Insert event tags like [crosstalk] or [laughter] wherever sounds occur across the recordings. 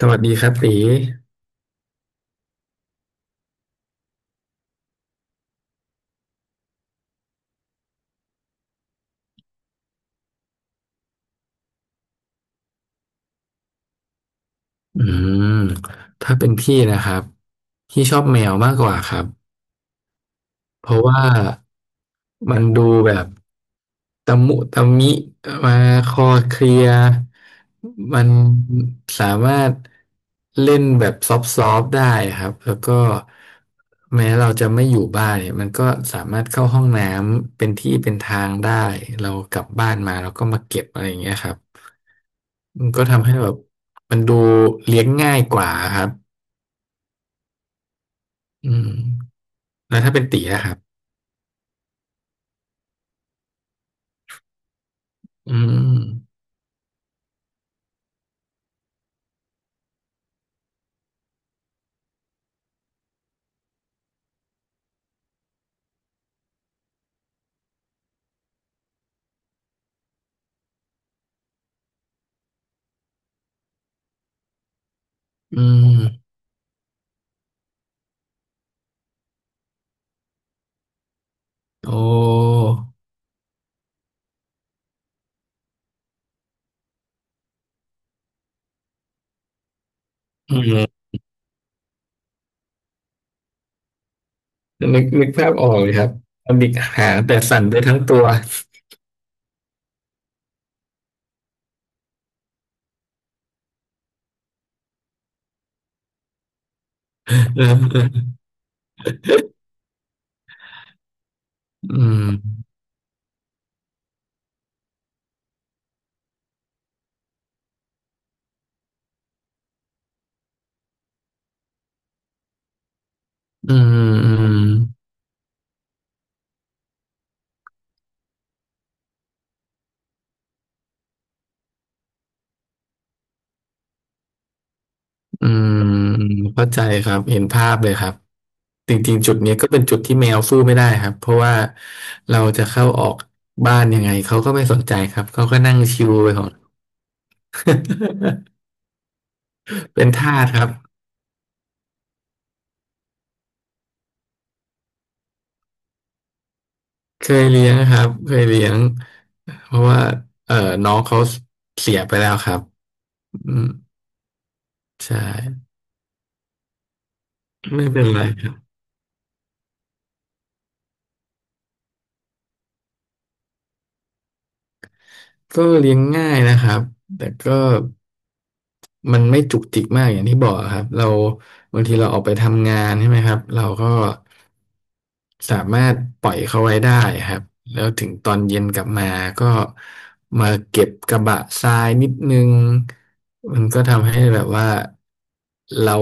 สวัสดีครับตีอืมถ้าเป็นพี่นะครับพี่ชอบแมวมากกว่าครับ เพราะว่ามันดูแบบตะมุตะมิมาคอเคลียร์มันสามารถเล่นแบบซอฟต์ๆได้ครับแล้วก็แม้เราจะไม่อยู่บ้านเนี่ยมันก็สามารถเข้าห้องน้ำเป็นที่เป็นทางได้เรากลับบ้านมาแล้วก็มาเก็บอะไรอย่างเงี้ยครับมันก็ทำให้แบบมันดูเลี้ยงง่ายกว่าครับอืมแล้วถ้าเป็นตีนะครับอืมอืม โอ้อืมนึกนึกภาพออกเลยครับปลาหมึกหางแต่สั่นไปทั้งตัว [laughs] เออเอออืมอืมอืมอืมเข้าใจครับเห็นภาพเลยครับจริงๆจุดนี้ก็เป็นจุดที่แมวสู้ไม่ได้ครับเพราะว่าเราจะเข้าออกบ้านยังไงเขาก็ไม่สนใจครับเขาก็นั่งชิวไปของ [laughs] เป็นทาสครับเคยเลี้ยงครับเคยเลี้ยงเพราะว่าเอ่อน้องเขาเสียไปแล้วครับอืมใช่ ไม่เป็นไรครับก็เลี้ยงง่ายนะครับแต่ก็ มันไม่จุกจิกมากอย่างที่บอกครับเราบางทีเราออกไปทำงานใช่ไหมครับเราก็สามารถปล่อยเขาไว้ได้ครับแล้วถึงตอนเย็นกลับมาก็มาเก็บกระบะทรายนิดนึงมันก็ทำให้แบบว่าเรา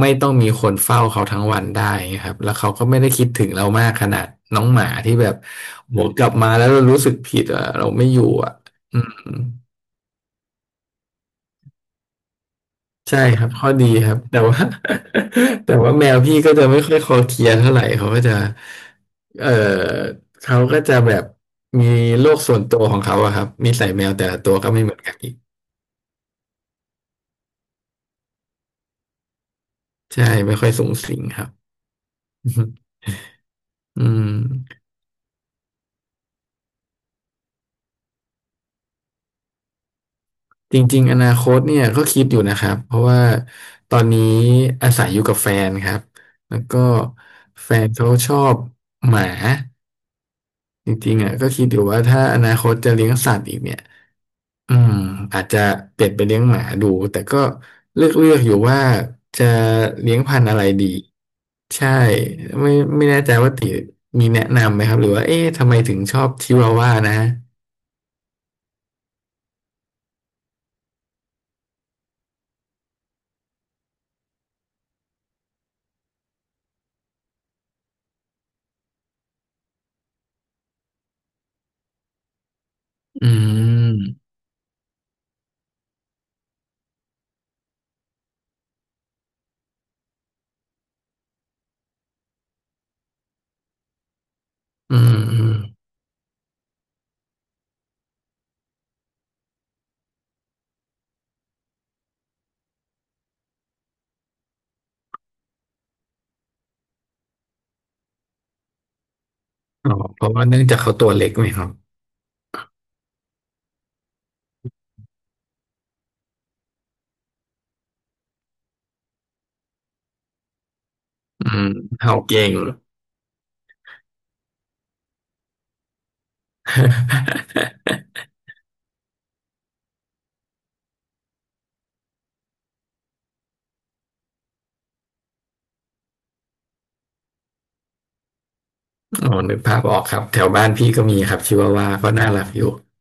ไม่ต้องมีคนเฝ้าเขาทั้งวันได้ครับแล้วเขาก็ไม่ได้คิดถึงเรามากขนาดน้องหมาที่แบบโหกลับมาแล้วเรารู้สึกผิดอ่ะเราไม่อยู่อ่ะอืม ใช่ครับข้อดีครับแต่ว่า [laughs] แต่ว่าแมวพี่ก็จะไม่ค่อยคอเคลียร์เท่าไหร่เขาก็จะเออเขาก็จะแบบมีโลกส่วนตัวของเขาอะครับนิสัยแมวแต่ละตัวก็ไม่เหมือนกันอีกใช่ไม่ค่อยสูงสิงครับ [laughs] อืมจริงๆอนาคตเนี่ยก็คิดอยู่นะครับเพราะว่าตอนนี้อาศัยอยู่กับแฟนครับแล้วก็แฟนเขาชอบหมาจริงๆอ่ะก็คิดอยู่ว่าถ้าอนาคตจะเลี้ยงสัตว์อีกเนี่ย อืมอาจจะเปลี่ยนไปเลี้ยงหมาดูแต่ก็เลือกเลือกอยู่ว่าจะเลี้ยงพันธุ์อะไรดีใช่ไม่ไม่แน่ใจว่าติมีแนะนำไหมครับหรือว่าเอ๊ะทำไมถึงชอบชิวาว่านะอืมอืมอืมอ๋อเพราะว่าเนื่องจากเขาตัวเล็กไหมครับอืมเห่าเก่ง [laughs] อ๋อนึกภาพออกครับแถวบ้านพี่ก็มีครับชิวาว่าก็น่ารักอยู่ [laughs]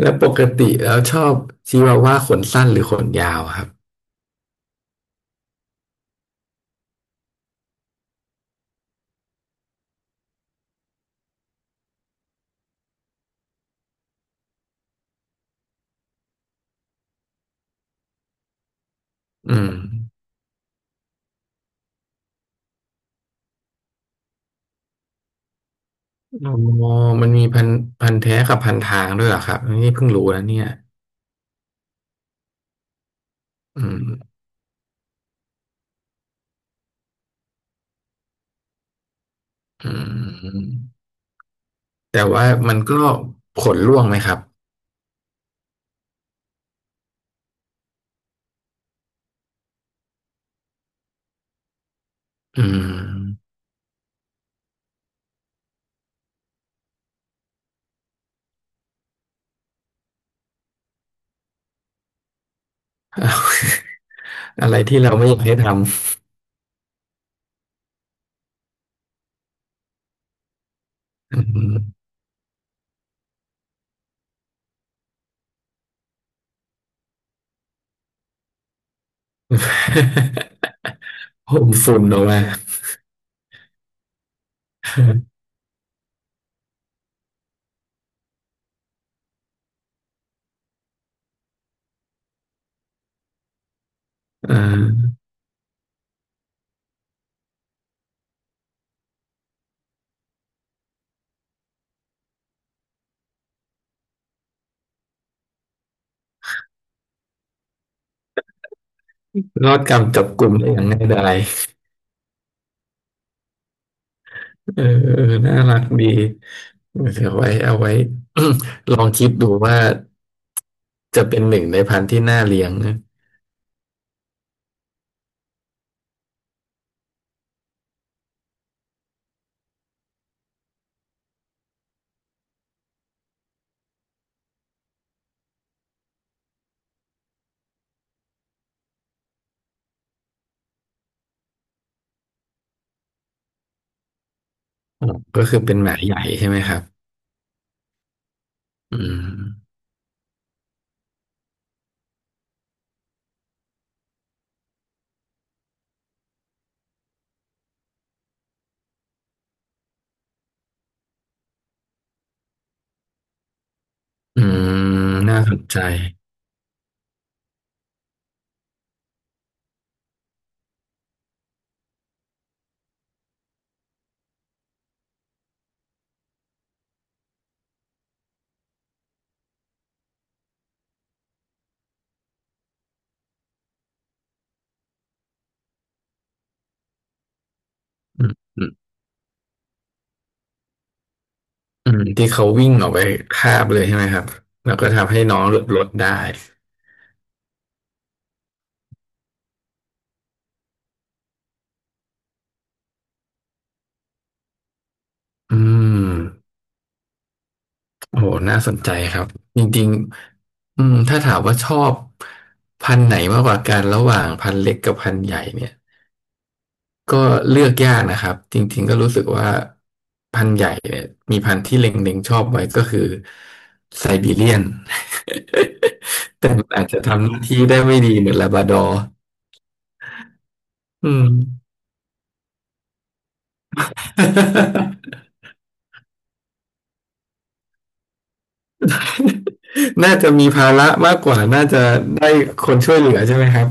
แล้วปกติแล้วชอบชิวาว่าขนสั้นหรือขนยาวครับอืม อ๋อมันมีพันธุ์พันธุ์แท้กับพันธุ์ทางด้วยเหรอครับอันนี่เพิ่งรู้นะเนี่ยอืมอืมแต่ว่ามันก็ผลร่วงไหมครับอืมอะไรที่เราไม่อยากให้ทำ [laughs] อืม [laughs] โมฝุ่นออกมาเออรอดกรรมจับกลุ่มได้อย่างง่ายดายเออเออน่ารักดีเดี๋ยวไว้เอาไว้ [coughs] ลองคิดดูว่าจะเป็นหนึ่งในพันธุ์ที่น่าเลี้ยงนะอ๋อก็คือเป็นหมาใหญ่ใช่ไหมครับอืม อืมน่าสนใจอืมอืมอืมที่เขาวิ่งออกไปคาบเลยใช่ไหมครับแล้วก็ทำให้น้องหลุดรถได้อืมโอ้โหน่าสนใจครับจริงๆอืมถ้าถามว่าชอบพันธุ์ไหนมากกว่ากันระหว่างพันธุ์เล็กกับพันธุ์ใหญ่เนี่ยก็เลือกยากนะครับจริงๆก็รู้สึกว่าพันธุ์ใหญ่เนี่ยมีพันธุ์ที่เล็งๆชอบไว้ก็คือไซบีเรียน [laughs] แต่มันอาจจะทำหน้าที่ได้ไม่ดีเหมือนลาบราดอร์อืม [laughs] น่าจะมีภาระมากกว่า น่าจะได้คนช่วยเหลือใช่ไหมครับ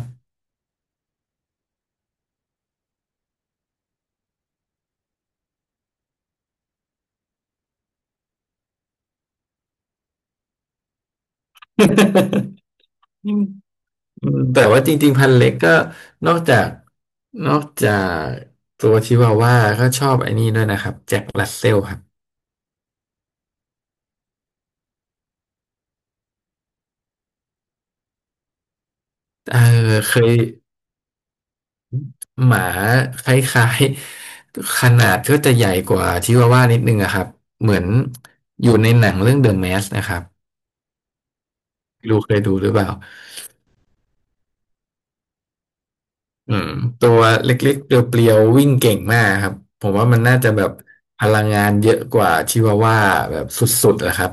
[laughs] อืมแต่ว่าจริงๆพันธุ์เล็กก็นอกจากนอกจากตัวชิวาว่าก็ชอบไอ้นี่ด้วยนะครับแจ็ครัสเซลครับเออเคยหมาคล้ายๆขนาดก็จะใหญ่กว่าชิวาว่านิดนึงอะครับเหมือนอยู่ในหนังเรื่องเดอ m แมสนะครับไม่รู้เคยดูหรือเปล่า อืมตัวเล็กๆเปรียวๆวิ่งเก่งมากครับผมว่ามันน่าจะแบบพลังงานเยอะกว่าชิวาว่าแบบสุดๆแหละครับ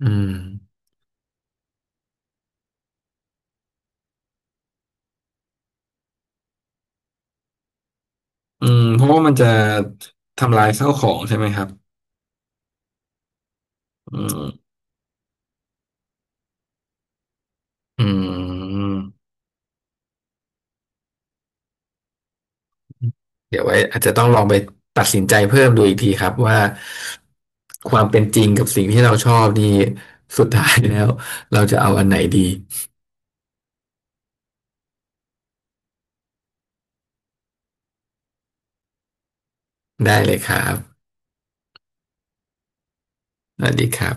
อืมอืมเพราะว่ามันจะทำลายข้าวของใช่ไหมครับอืมอืมเดี๋ยวไว้อาจจะต้องลองไปตัดสินใจเพิ่มดูอีกทีครับว่าความเป็นจริงกับสิ่งที่เราชอบนี่สุดท้ายแล้วเราจะเอาอันไหนดีได้เลยครับสวัสดีครับ